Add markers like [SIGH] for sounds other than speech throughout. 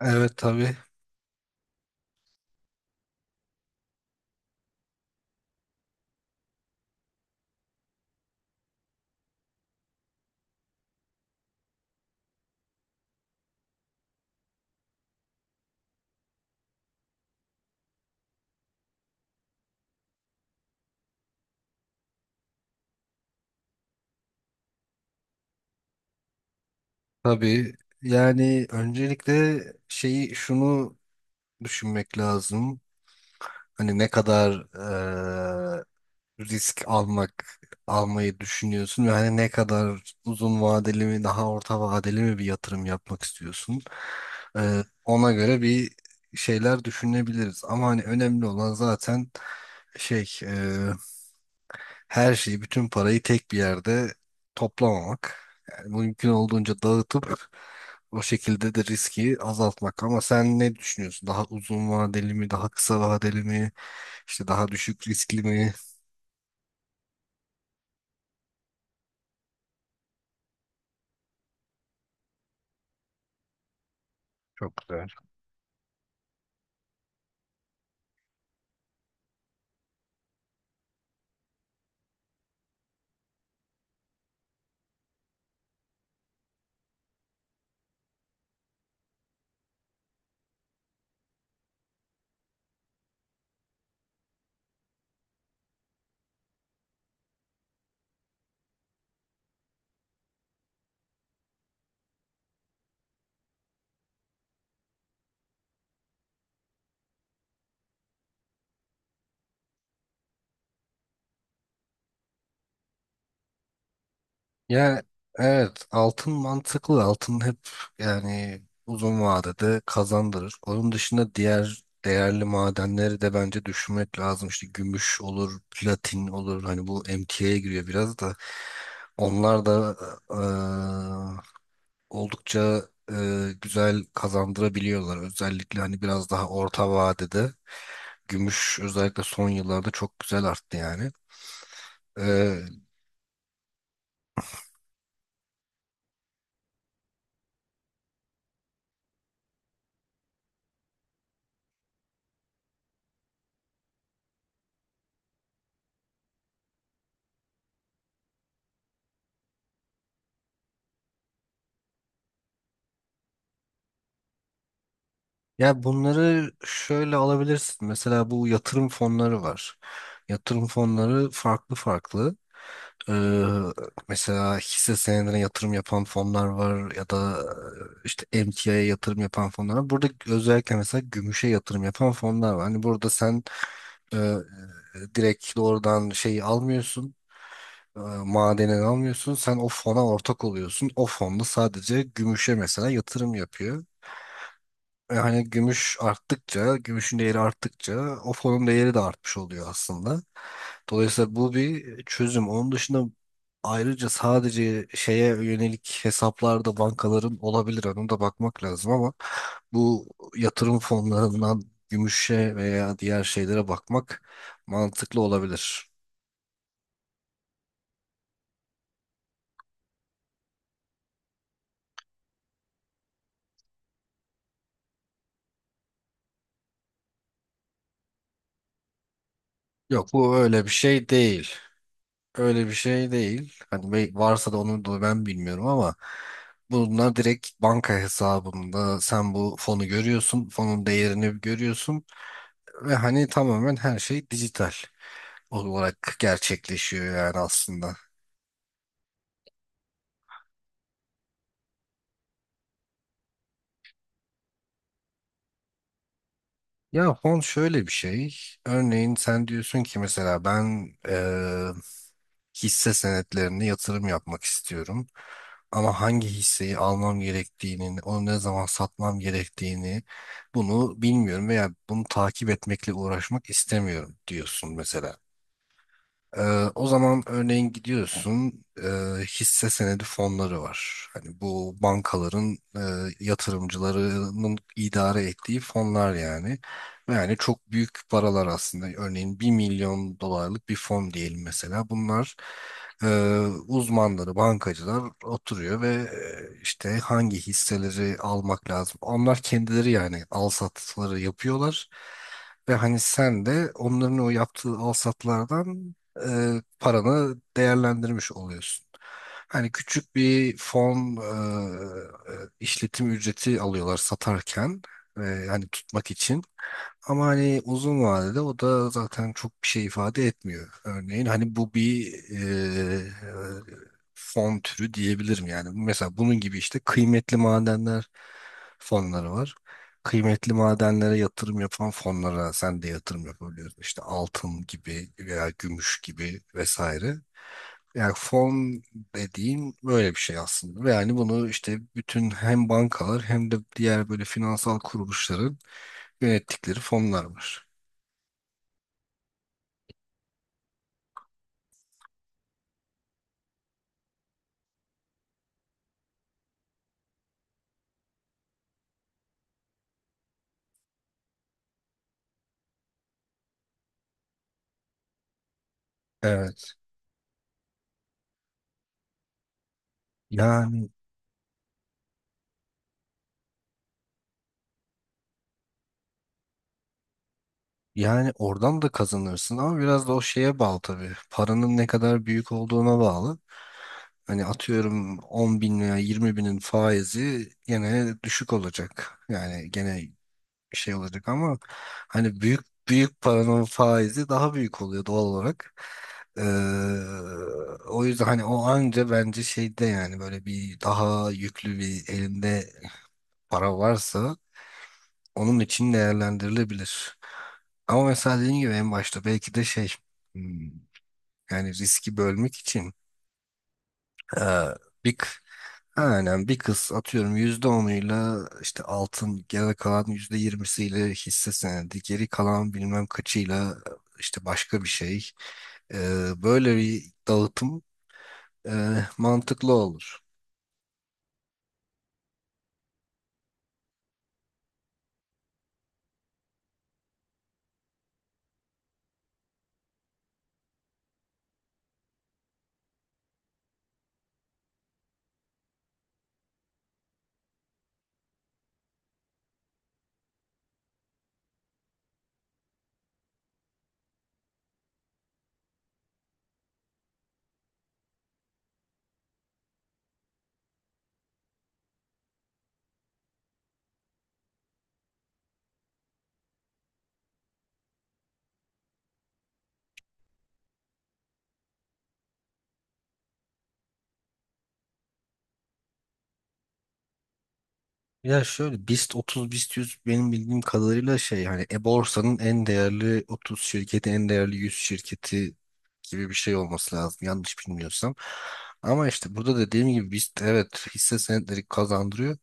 Evet, tabii. Tabii. Yani öncelikle şunu düşünmek lazım. Hani ne kadar risk almayı düşünüyorsun ve hani ne kadar uzun vadeli mi daha orta vadeli mi bir yatırım yapmak istiyorsun. Ona göre bir şeyler düşünebiliriz. Ama hani önemli olan zaten şey her şeyi, bütün parayı tek bir yerde toplamamak. Yani mümkün olduğunca dağıtıp o şekilde de riski azaltmak. Ama sen ne düşünüyorsun? Daha uzun vadeli mi, daha kısa vadeli mi, işte daha düşük riskli mi? Çok güzel. Ya evet, altın mantıklı, altın hep yani uzun vadede kazandırır. Onun dışında diğer değerli madenleri de bence düşünmek lazım. İşte gümüş olur, platin olur. Hani bu MTA'ya giriyor biraz da. Onlar da eee, oldukça güzel kazandırabiliyorlar. Özellikle hani biraz daha orta vadede gümüş özellikle son yıllarda çok güzel arttı yani. E, Ya bunları şöyle alabilirsin. Mesela bu yatırım fonları var. Yatırım fonları farklı farklı. Ee, Mesela hisse senedine yatırım yapan fonlar var ya da işte emtiaya yatırım yapan fonlar var. Burada özellikle mesela gümüşe yatırım yapan fonlar var. Hani burada sen e, direkt doğrudan şeyi almıyorsun. e, Madeni almıyorsun. Sen o fona ortak oluyorsun. O fonda sadece gümüşe mesela yatırım yapıyor. Yani gümüş arttıkça, gümüşün değeri arttıkça o fonun değeri de artmış oluyor aslında. Dolayısıyla bu bir çözüm. Onun dışında ayrıca sadece şeye yönelik hesaplarda bankaların olabilir. Ona da bakmak lazım ama bu yatırım fonlarından gümüşe veya diğer şeylere bakmak mantıklı olabilir. Yok, bu öyle bir şey değil. Öyle bir şey değil. Hani varsa da onu da ben bilmiyorum, ama bunlar direkt banka hesabında sen bu fonu görüyorsun, fonun değerini görüyorsun ve hani tamamen her şey dijital olarak gerçekleşiyor yani aslında. Ya fon şöyle bir şey. Örneğin sen diyorsun ki mesela ben hisse senetlerine yatırım yapmak istiyorum. Ama hangi hisseyi almam gerektiğini, onu ne zaman satmam gerektiğini bunu bilmiyorum veya bunu takip etmekle uğraşmak istemiyorum diyorsun mesela. Ee, O zaman örneğin gidiyorsun, hisse senedi fonları var. Hani bu bankaların yatırımcılarının idare ettiği fonlar yani. Ve yani çok büyük paralar aslında. Örneğin 1 milyon dolarlık bir fon diyelim mesela. Bunlar e, uzmanları, bankacılar oturuyor ve işte hangi hisseleri almak lazım. Onlar kendileri yani al satları yapıyorlar. Ve hani sen de onların o yaptığı al satlardan paranı değerlendirmiş oluyorsun. Hani küçük bir fon e, işletim ücreti alıyorlar satarken, e, hani tutmak için. Ama hani uzun vadede o da zaten çok bir şey ifade etmiyor. Örneğin hani bu bir e, fon türü diyebilirim yani. Mesela bunun gibi işte kıymetli madenler fonları var. Kıymetli madenlere yatırım yapan fonlara sen de yatırım yapabiliyorsun. İşte altın gibi veya gümüş gibi vesaire. Yani fon dediğim böyle bir şey aslında. Ve yani bunu işte bütün hem bankalar hem de diğer böyle finansal kuruluşların yönettikleri fonlar var. Evet. Yani yani oradan da kazanırsın ama biraz da o şeye bağlı tabii. Paranın ne kadar büyük olduğuna bağlı. Hani atıyorum 10 bin veya 20 binin faizi gene düşük olacak. Yani gene şey olacak ama hani büyük büyük paranın faizi daha büyük oluyor doğal olarak. Ee, O yüzden hani o anca bence şeyde yani böyle bir daha yüklü bir elinde para varsa onun için değerlendirilebilir. Ama mesela dediğim gibi en başta belki de şey hmm, yani riski bölmek için, e, bir k- aynen bir kız atıyorum %10'uyla işte altın, geri kalan %20'siyle hisse senedi, geri kalan bilmem kaçıyla işte başka bir şey. E, Böyle bir dağıtım e, mantıklı olur. Ya şöyle BIST 30, BIST 100 benim bildiğim kadarıyla şey hani e-borsanın en değerli 30 şirketi, en değerli 100 şirketi gibi bir şey olması lazım, yanlış bilmiyorsam. Ama işte burada dediğim gibi BIST, evet hisse senetleri kazandırıyor.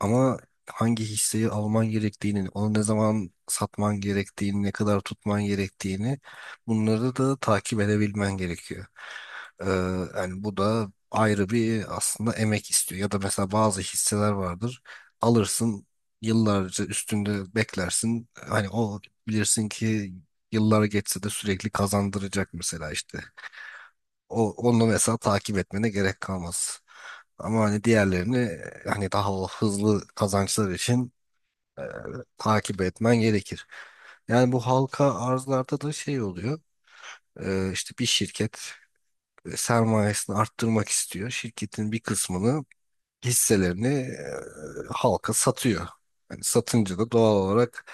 Ama hangi hisseyi alman gerektiğini, onu ne zaman satman gerektiğini, ne kadar tutman gerektiğini bunları da takip edebilmen gerekiyor. Ee, Yani bu da ayrı bir aslında emek istiyor. Ya da mesela bazı hisseler vardır. Alırsın, yıllarca üstünde beklersin. Hani o bilirsin ki yıllar geçse de sürekli kazandıracak mesela işte. Onu mesela takip etmene gerek kalmaz. Ama hani diğerlerini hani daha o hızlı kazançlar için e, takip etmen gerekir. Yani bu halka arzlarda da şey oluyor. İşte bir şirket sermayesini arttırmak istiyor. Şirketin bir kısmını, hisselerini halka satıyor. Yani satınca da doğal olarak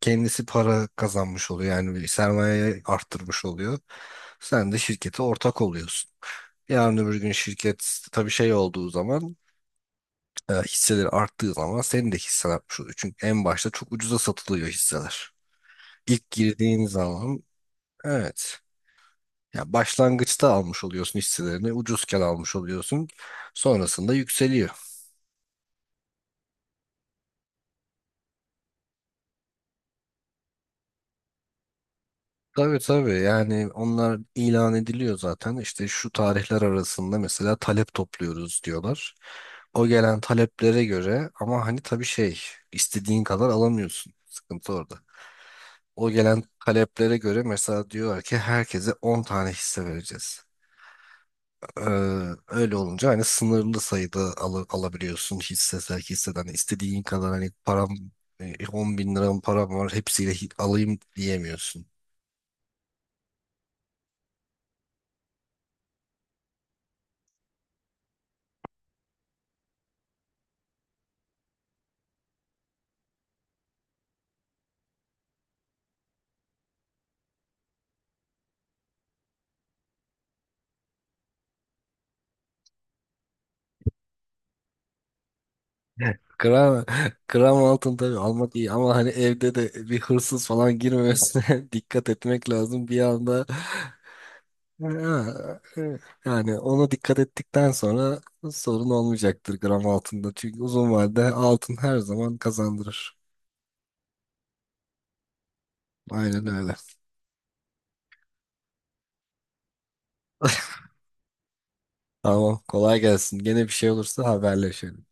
kendisi para kazanmış oluyor. Yani bir sermayeyi arttırmış oluyor. Sen de şirkete ortak oluyorsun. Yarın öbür gün şirket tabii şey olduğu zaman, hisseleri arttığı zaman senin de hissen artmış oluyor. Çünkü en başta çok ucuza satılıyor hisseler. İlk girdiğin zaman, evet. Ya başlangıçta almış oluyorsun hisselerini, ucuzken almış oluyorsun. Sonrasında yükseliyor. Tabii, tabii, yani onlar ilan ediliyor zaten. İşte şu tarihler arasında mesela talep topluyoruz diyorlar. O gelen taleplere göre, ama hani tabii şey istediğin kadar alamıyorsun. Sıkıntı orada. O gelen taleplere göre mesela diyorlar ki herkese 10 tane hisse vereceğiz. Ee, Öyle olunca hani sınırlı sayıda alabiliyorsun hisse sevk hisseden. İstediğin kadar hani param 10 bin liram param var hepsiyle alayım diyemiyorsun. Gram, [LAUGHS] gram altın tabii almak iyi ama hani evde de bir hırsız falan girmemesine [LAUGHS] dikkat etmek lazım. Bir anda. Ha, yani ona dikkat ettikten sonra sorun olmayacaktır gram altında. Çünkü uzun vadede altın her zaman kazandırır. Aynen öyle. Tamam, kolay gelsin. Gene bir şey olursa haberleşelim.